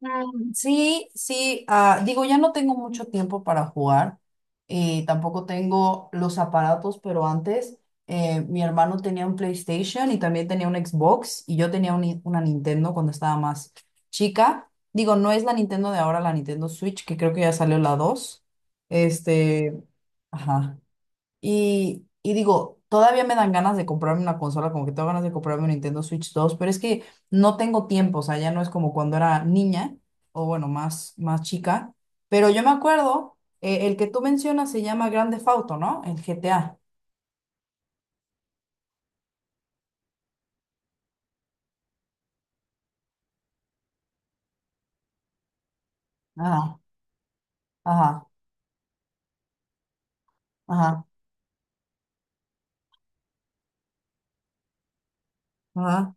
Sí, sí, digo, ya no tengo mucho tiempo para jugar y tampoco tengo los aparatos, pero antes mi hermano tenía un PlayStation y también tenía un Xbox y yo tenía un una Nintendo cuando estaba más chica. Digo, no es la Nintendo de ahora, la Nintendo Switch, que creo que ya salió la 2. Este, ajá. Y digo, todavía me dan ganas de comprarme una consola, como que tengo ganas de comprarme un Nintendo Switch dos, pero es que no tengo tiempo, o sea, ya no es como cuando era niña, o bueno, más chica. Pero yo me acuerdo, el que tú mencionas se llama Grand Theft Auto, ¿no? El GTA. Ajá, ajá, ajá, ajá,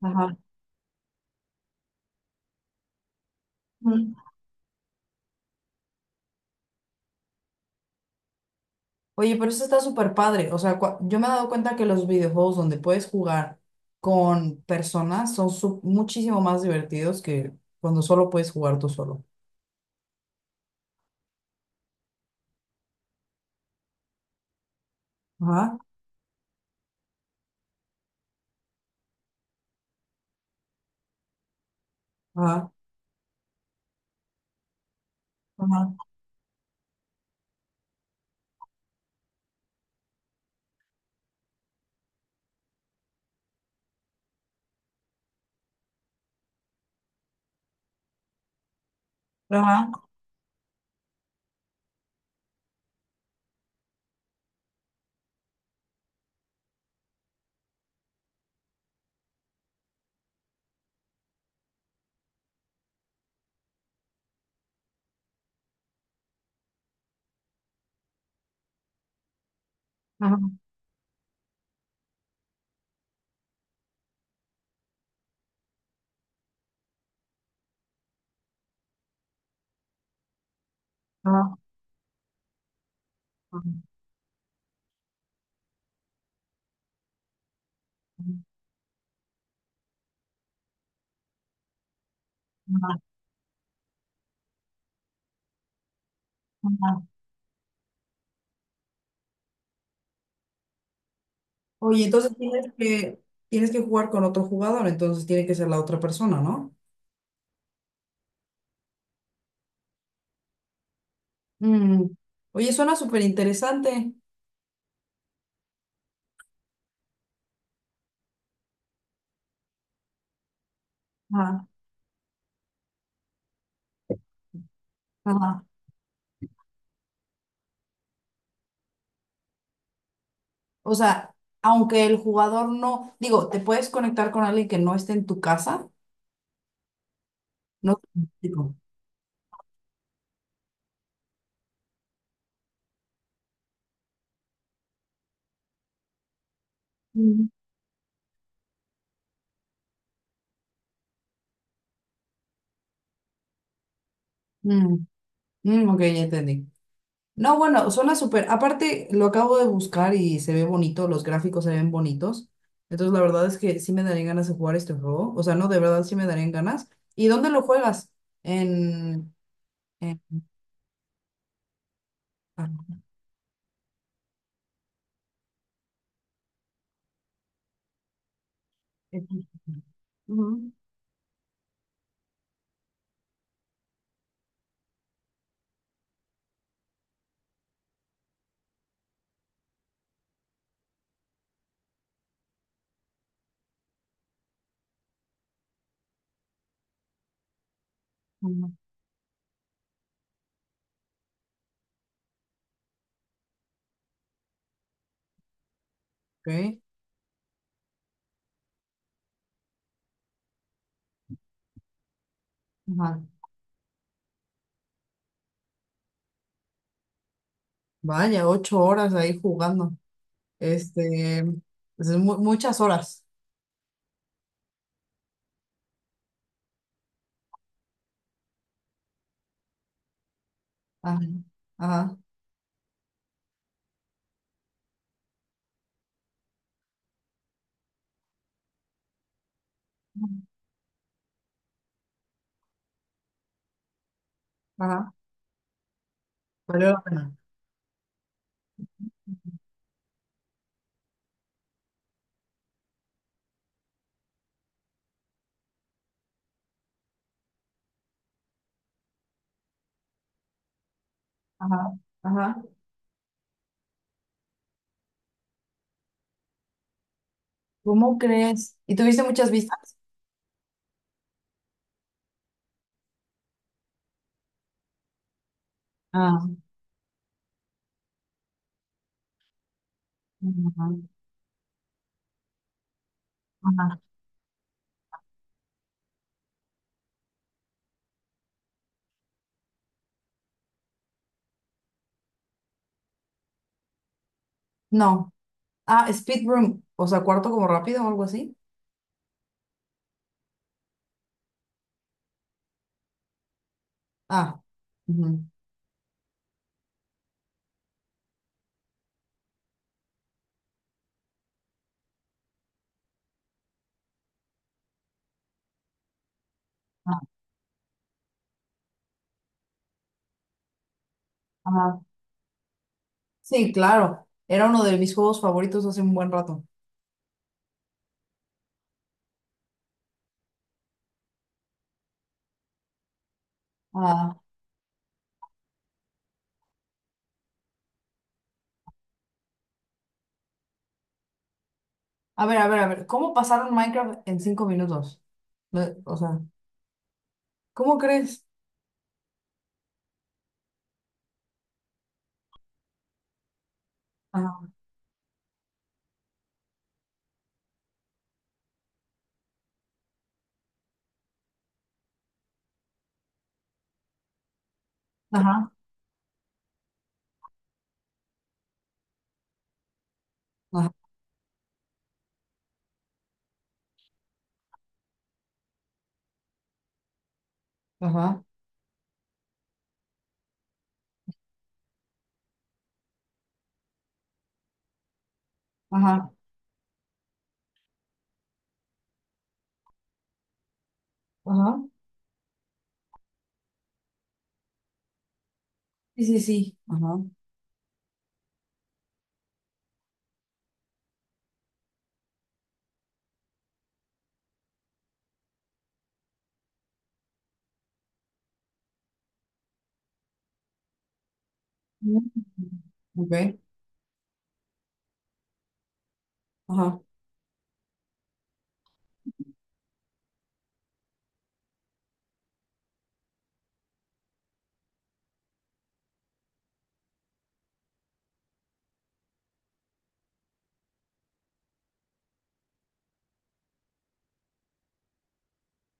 ajá. Mm. Oye, pero eso está súper padre. O sea, yo me he dado cuenta que los videojuegos donde puedes jugar con personas son muchísimo más divertidos que cuando solo puedes jugar tú solo. Ajá, ajá, ajá, ajá, ajá, ajá, ajá, ajá, ajá. Oye, tienes que jugar con otro jugador, entonces tiene que ser la otra persona, ¿no? Mm. Oye, suena súper interesante. Ajá, ajá. O sea, aunque el jugador no, digo, te puedes conectar con alguien que no esté en tu casa, ¿no? Digo, mm. Mm, mm, ok, ya entendí. No, bueno, suena súper. Aparte, lo acabo de buscar y se ve bonito, los gráficos se ven bonitos. Entonces, la verdad es que sí me darían ganas de jugar este juego. O sea, no, de verdad sí me darían ganas. ¿Y dónde lo juegas? En... en... ah, en-. Ujú, ujú. Ok. Ajá. Vaya, ocho horas ahí jugando. Este, pues es muchas horas. Ajá, ajá, ajá. Valió la pena. Ajá, ajá. ¿Cómo crees? ¿Y tuviste muchas vistas? Ah, ajá. Ajá. No. Ah, speed room. O sea, cuarto como rápido o algo así. Ah, ujú. Ah, ajá. Sí, claro. Era uno de mis juegos favoritos hace un buen rato. Ah. A ver, a ver, a ver. ¿Cómo pasaron Minecraft en cinco minutos? Lo-. O sea, ¿cómo crees? Ajá. Ajá. Ajá. Ajá. Ajá. Ajá. Sí, sí, sí. Ajá. Mm. Ok. Ajá.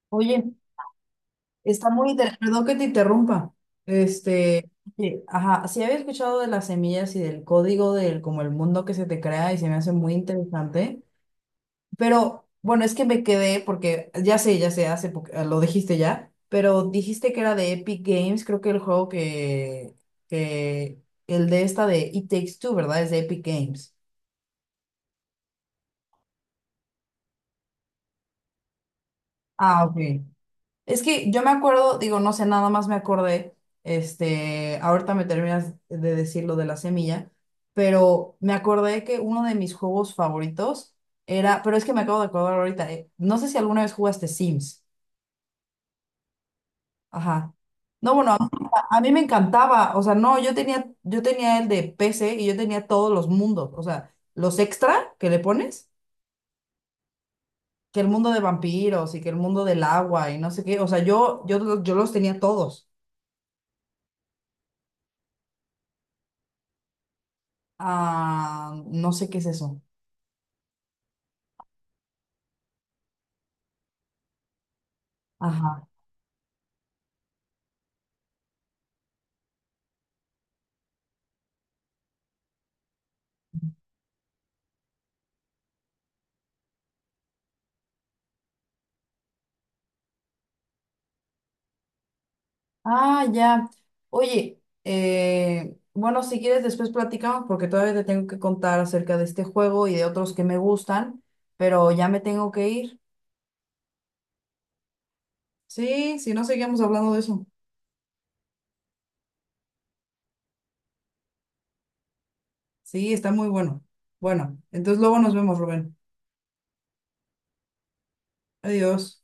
Oye, está muy interesante, perdón que te interrumpa. Este, sí, ajá, sí había escuchado de las semillas y del código del como el mundo que se te crea y se me hace muy interesante, pero bueno, es que me quedé porque ya sé, hace lo dijiste ya, pero dijiste que era de Epic Games, creo que el juego que el de esta de It Takes Two, ¿verdad? Es de Epic Games. Ah, ok. Es que yo me acuerdo, digo, no sé, nada más me acordé, este, ahorita me terminas de decir lo de la semilla, pero me acordé que uno de mis juegos favoritos era, pero es que me acabo de acordar ahorita, no sé si alguna vez jugaste Sims, ajá. No, bueno, a mí me encantaba, o sea, no, yo tenía el de PC y yo tenía todos los mundos, o sea, los extra que le pones, que el mundo de vampiros y que el mundo del agua y no sé qué, o sea, yo los tenía todos. Ah, no sé qué es eso. Ajá. Ah, ya. Oye, bueno, si quieres después platicamos porque todavía te tengo que contar acerca de este juego y de otros que me gustan, pero ya me tengo que ir. Sí, si no, seguimos hablando de eso. Sí, está muy bueno. Bueno, entonces luego nos vemos, Rubén. Adiós.